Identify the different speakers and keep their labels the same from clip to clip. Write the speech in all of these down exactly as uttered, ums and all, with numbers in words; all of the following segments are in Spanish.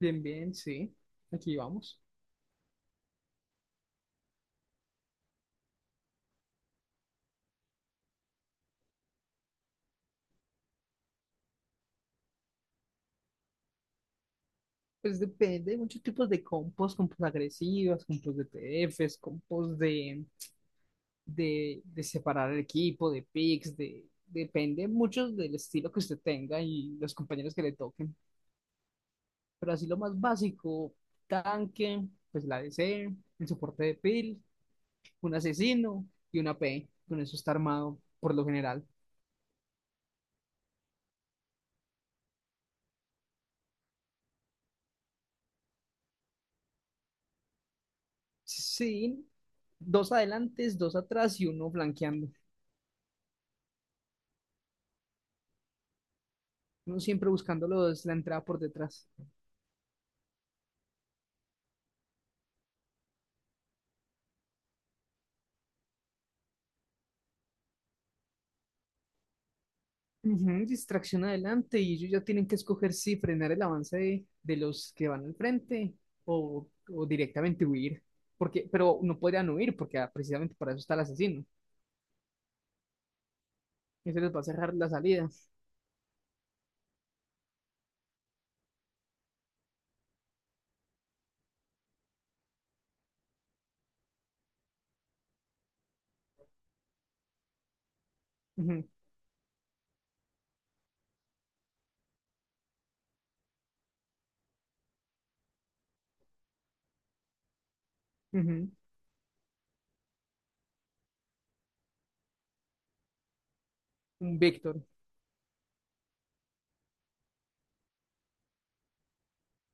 Speaker 1: Bien, bien, sí. Aquí vamos. Pues depende, hay muchos tipos de compost, compost agresivas, compost de P D F s, compost de, de, de separar el equipo, de picks, de, depende mucho del estilo que usted tenga y los compañeros que le toquen. Pero así lo más básico, tanque, pues la D C, el soporte de pil, un asesino y una P. E. Con eso está armado por lo general. Sí, dos adelantes, dos atrás y uno flanqueando. Uno siempre buscándolos la entrada por detrás. Ujú, distracción adelante y ellos ya tienen que escoger si frenar el avance de, de los que van al frente o, o directamente huir. Porque, pero no podrían huir porque ah, precisamente para eso está el asesino. Ese les va a cerrar la salida. Ujú, ujú. Un Víctor.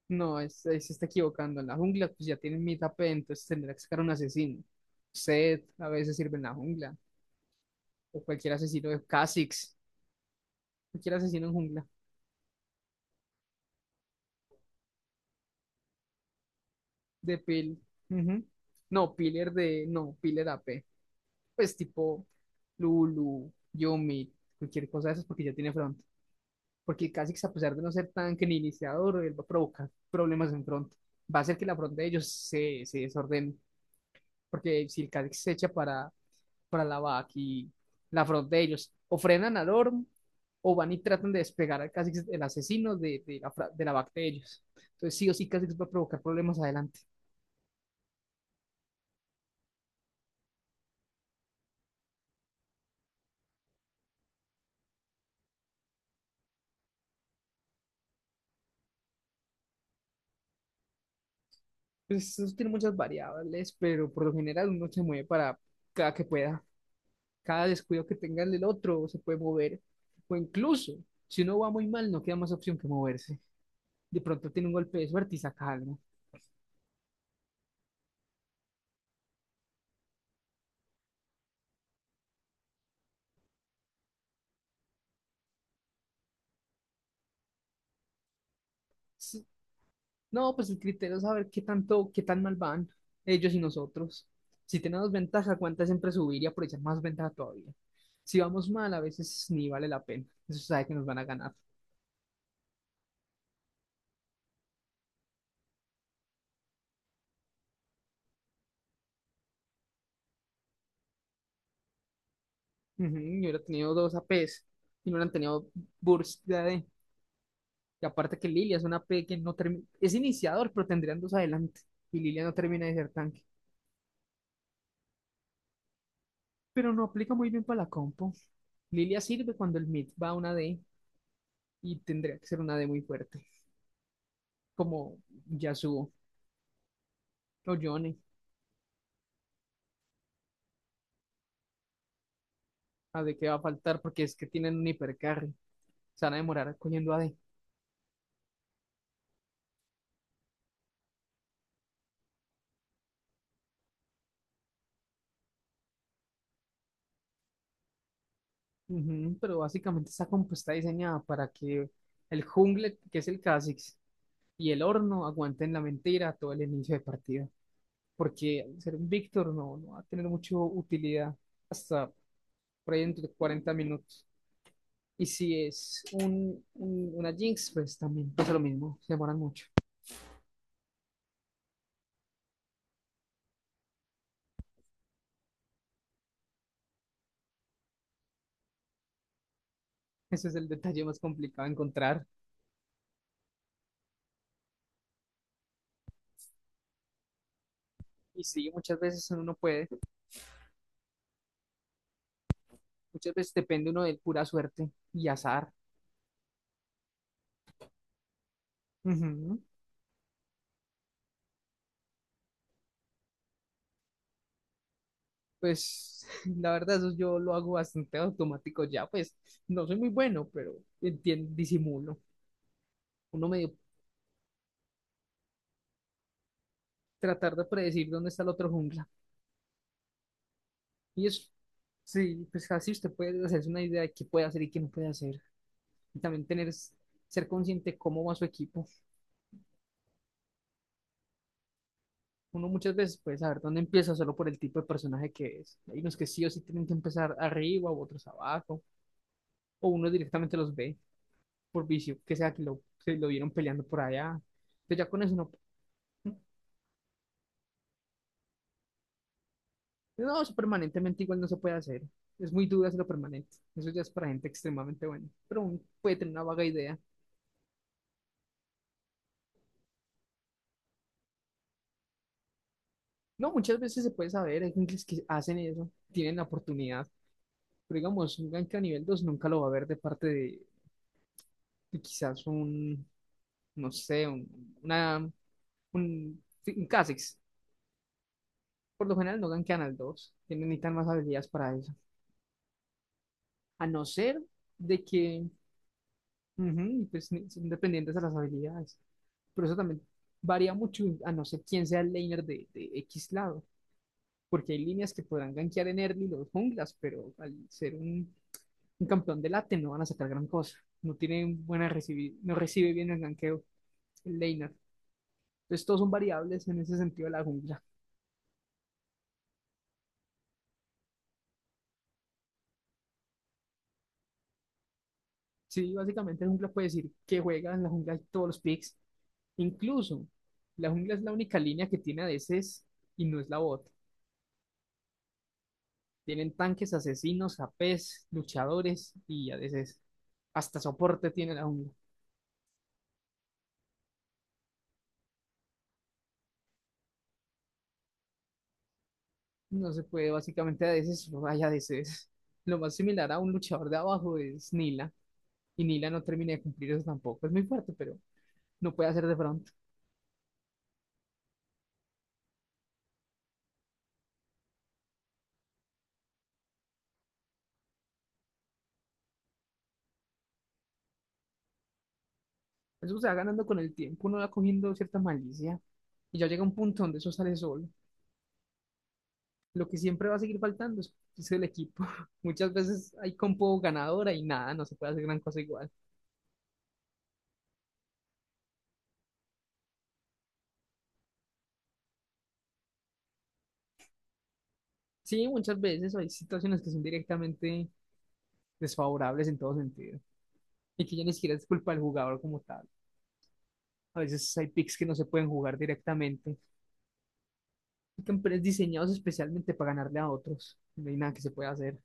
Speaker 1: No, es, es- se está equivocando. En la jungla pues ya tienen mitad P, entonces tendrá que sacar un asesino. Zed a veces sirve en la jungla. O cualquier asesino de Kha'Zix. Cualquier asesino en jungla. De Pil. Ujú. No, pillar de. No, pillar a p. Pues tipo Lulu, yumi, cualquier cosa de esas porque ya tiene front. Porque Kha'Zix, a pesar de no ser tan que ni iniciador, él va a provocar problemas en front. Va a hacer que la front de ellos se, se desordene. Porque si el Kha'Zix se echa para, para la back y la front de ellos, o frenan al Orm, o van y tratan de despegar al Kha'Zix, el asesino de, de la, fra- de la back de ellos. Entonces, sí o sí, Kha'Zix va a provocar problemas adelante. Pues eso tiene muchas variables, pero por lo general uno se mueve para cada que pueda. Cada descuido que tenga el del otro se puede mover. O incluso, si uno va muy mal, no queda más opción que moverse. De pronto tiene un golpe de suerte y saca algo. Sí. No, pues el criterio es saber qué tanto, qué tan mal van ellos y nosotros. Si tenemos ventaja, cuánta siempre subir y aprovechar más ventaja todavía. Si vamos mal, a veces ni vale la pena. Eso sabe que nos van a ganar. Ujú, yo hubiera tenido dos A P s y no hubieran tenido burst. Y aparte que Lilia es una P que no termina, es iniciador, pero tendrían dos adelante. Y Lilia no termina de ser tanque. Pero no aplica muy bien para la compo. Lilia sirve cuando el mid va a una D y tendría que ser una D muy fuerte. Como Yasuo o Yone. A D que va a faltar porque es que tienen un hipercarry. Se van a demorar cogiendo A d. Ujú, pero básicamente esta compo está diseñada para que el jungle, que es el Kha'Zix, y el horno aguanten la mentira todo el inicio de partida. Porque ser un Víctor no, no va a tener mucha utilidad hasta por ahí dentro de cuarenta minutos. Y si es un, un- una Jinx, pues también pasa lo mismo, se demoran mucho. Ese es el detalle más complicado de encontrar. Y sí, muchas veces uno no puede, muchas veces depende uno de pura suerte y azar. Ujú. Pues la verdad, eso yo lo hago bastante automático ya, pues no soy muy bueno, pero entien- disimulo. Uno medio tratar de predecir dónde está el otro jungla. Y es, sí, pues así usted puede hacerse una idea de qué puede hacer y qué no puede hacer. Y también tener, ser consciente cómo va su equipo. Uno muchas veces puede saber dónde empieza solo por el tipo de personaje que es. Hay unos que sí o sí tienen que empezar arriba, u otros abajo, o uno directamente los ve por vicio, que sea que lo, se lo vieron peleando por allá. Pero ya con eso no, no, eso permanentemente igual no se puede hacer. Es muy duro hacerlo permanente. Eso ya es para gente extremadamente buena. Pero uno puede tener una vaga idea. No, muchas veces se puede saber, hay gente que hacen eso, tienen la oportunidad, pero digamos, un gank a nivel dos nunca lo va a ver de parte de, de quizás un, no sé, un, una, un, sí, un Kha'Zix. Por lo general no gankean al dos, tienen necesitan más habilidades para eso. A no ser de que, ujú, pues, ni- son dependientes de las habilidades. Pero eso también varía mucho a no ser quién sea el laner de, de X lado, porque hay líneas que podrán gankear en early los junglas, pero al ser un un campeón de late no van a sacar gran cosa. No tiene buena recibir no recibe bien el ganqueo, el laner. Entonces todos son variables en ese sentido de la jungla. Sí, básicamente la jungla puede decir que juega en la jungla todos los picks. Incluso la jungla es la única línea que tiene a veces y no es la bot. Tienen tanques, asesinos, A P s, luchadores y a veces hasta soporte tiene la jungla. No se puede básicamente a veces, no hay a veces. Lo más similar a un luchador de abajo es Nila. Y Nila no termina de cumplir eso tampoco. Es muy fuerte, pero no puede hacer de front. Eso se va ganando con el tiempo, uno va cogiendo cierta malicia. Y ya llega un punto donde eso sale solo. Lo que siempre va a seguir faltando es, es el equipo. Muchas veces hay compo ganadora y nada, no se puede hacer gran cosa igual. Sí, muchas veces hay situaciones que son directamente desfavorables en todo sentido. Y que ya ni siquiera es culpa del jugador como tal. A veces hay picks que no se pueden jugar directamente. Hay campeones diseñados especialmente para ganarle a otros. No hay nada que se pueda hacer.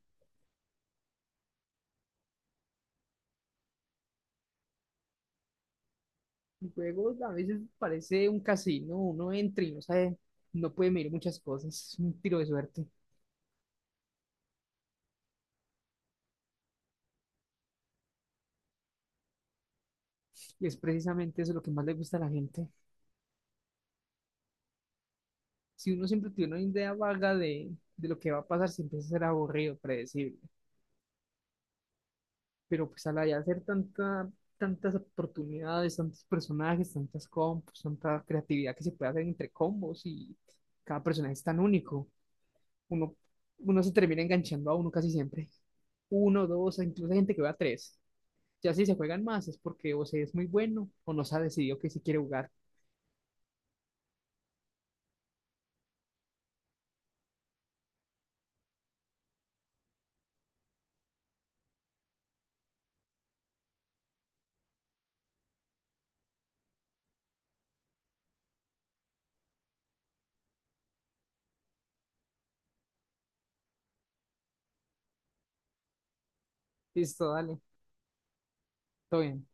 Speaker 1: El juego a veces parece un casino, uno entra y no sabe, no puede medir muchas cosas, es un tiro de suerte. Y es precisamente eso lo que más le gusta a la gente. Si uno siempre tiene una idea vaga de, de lo que va a pasar, siempre a ser aburrido, predecible. Pero pues al ya hacer tanta, tantas oportunidades, tantos personajes, tantas combos, tanta creatividad que se puede hacer entre combos y cada personaje es tan único, uno, uno se termina enganchando a uno casi siempre. Uno, dos, incluso hay gente que va a tres. Ya si se juegan más es porque o se es muy bueno o no se ha decidido que sí quiere jugar. Listo, dale, todo bien.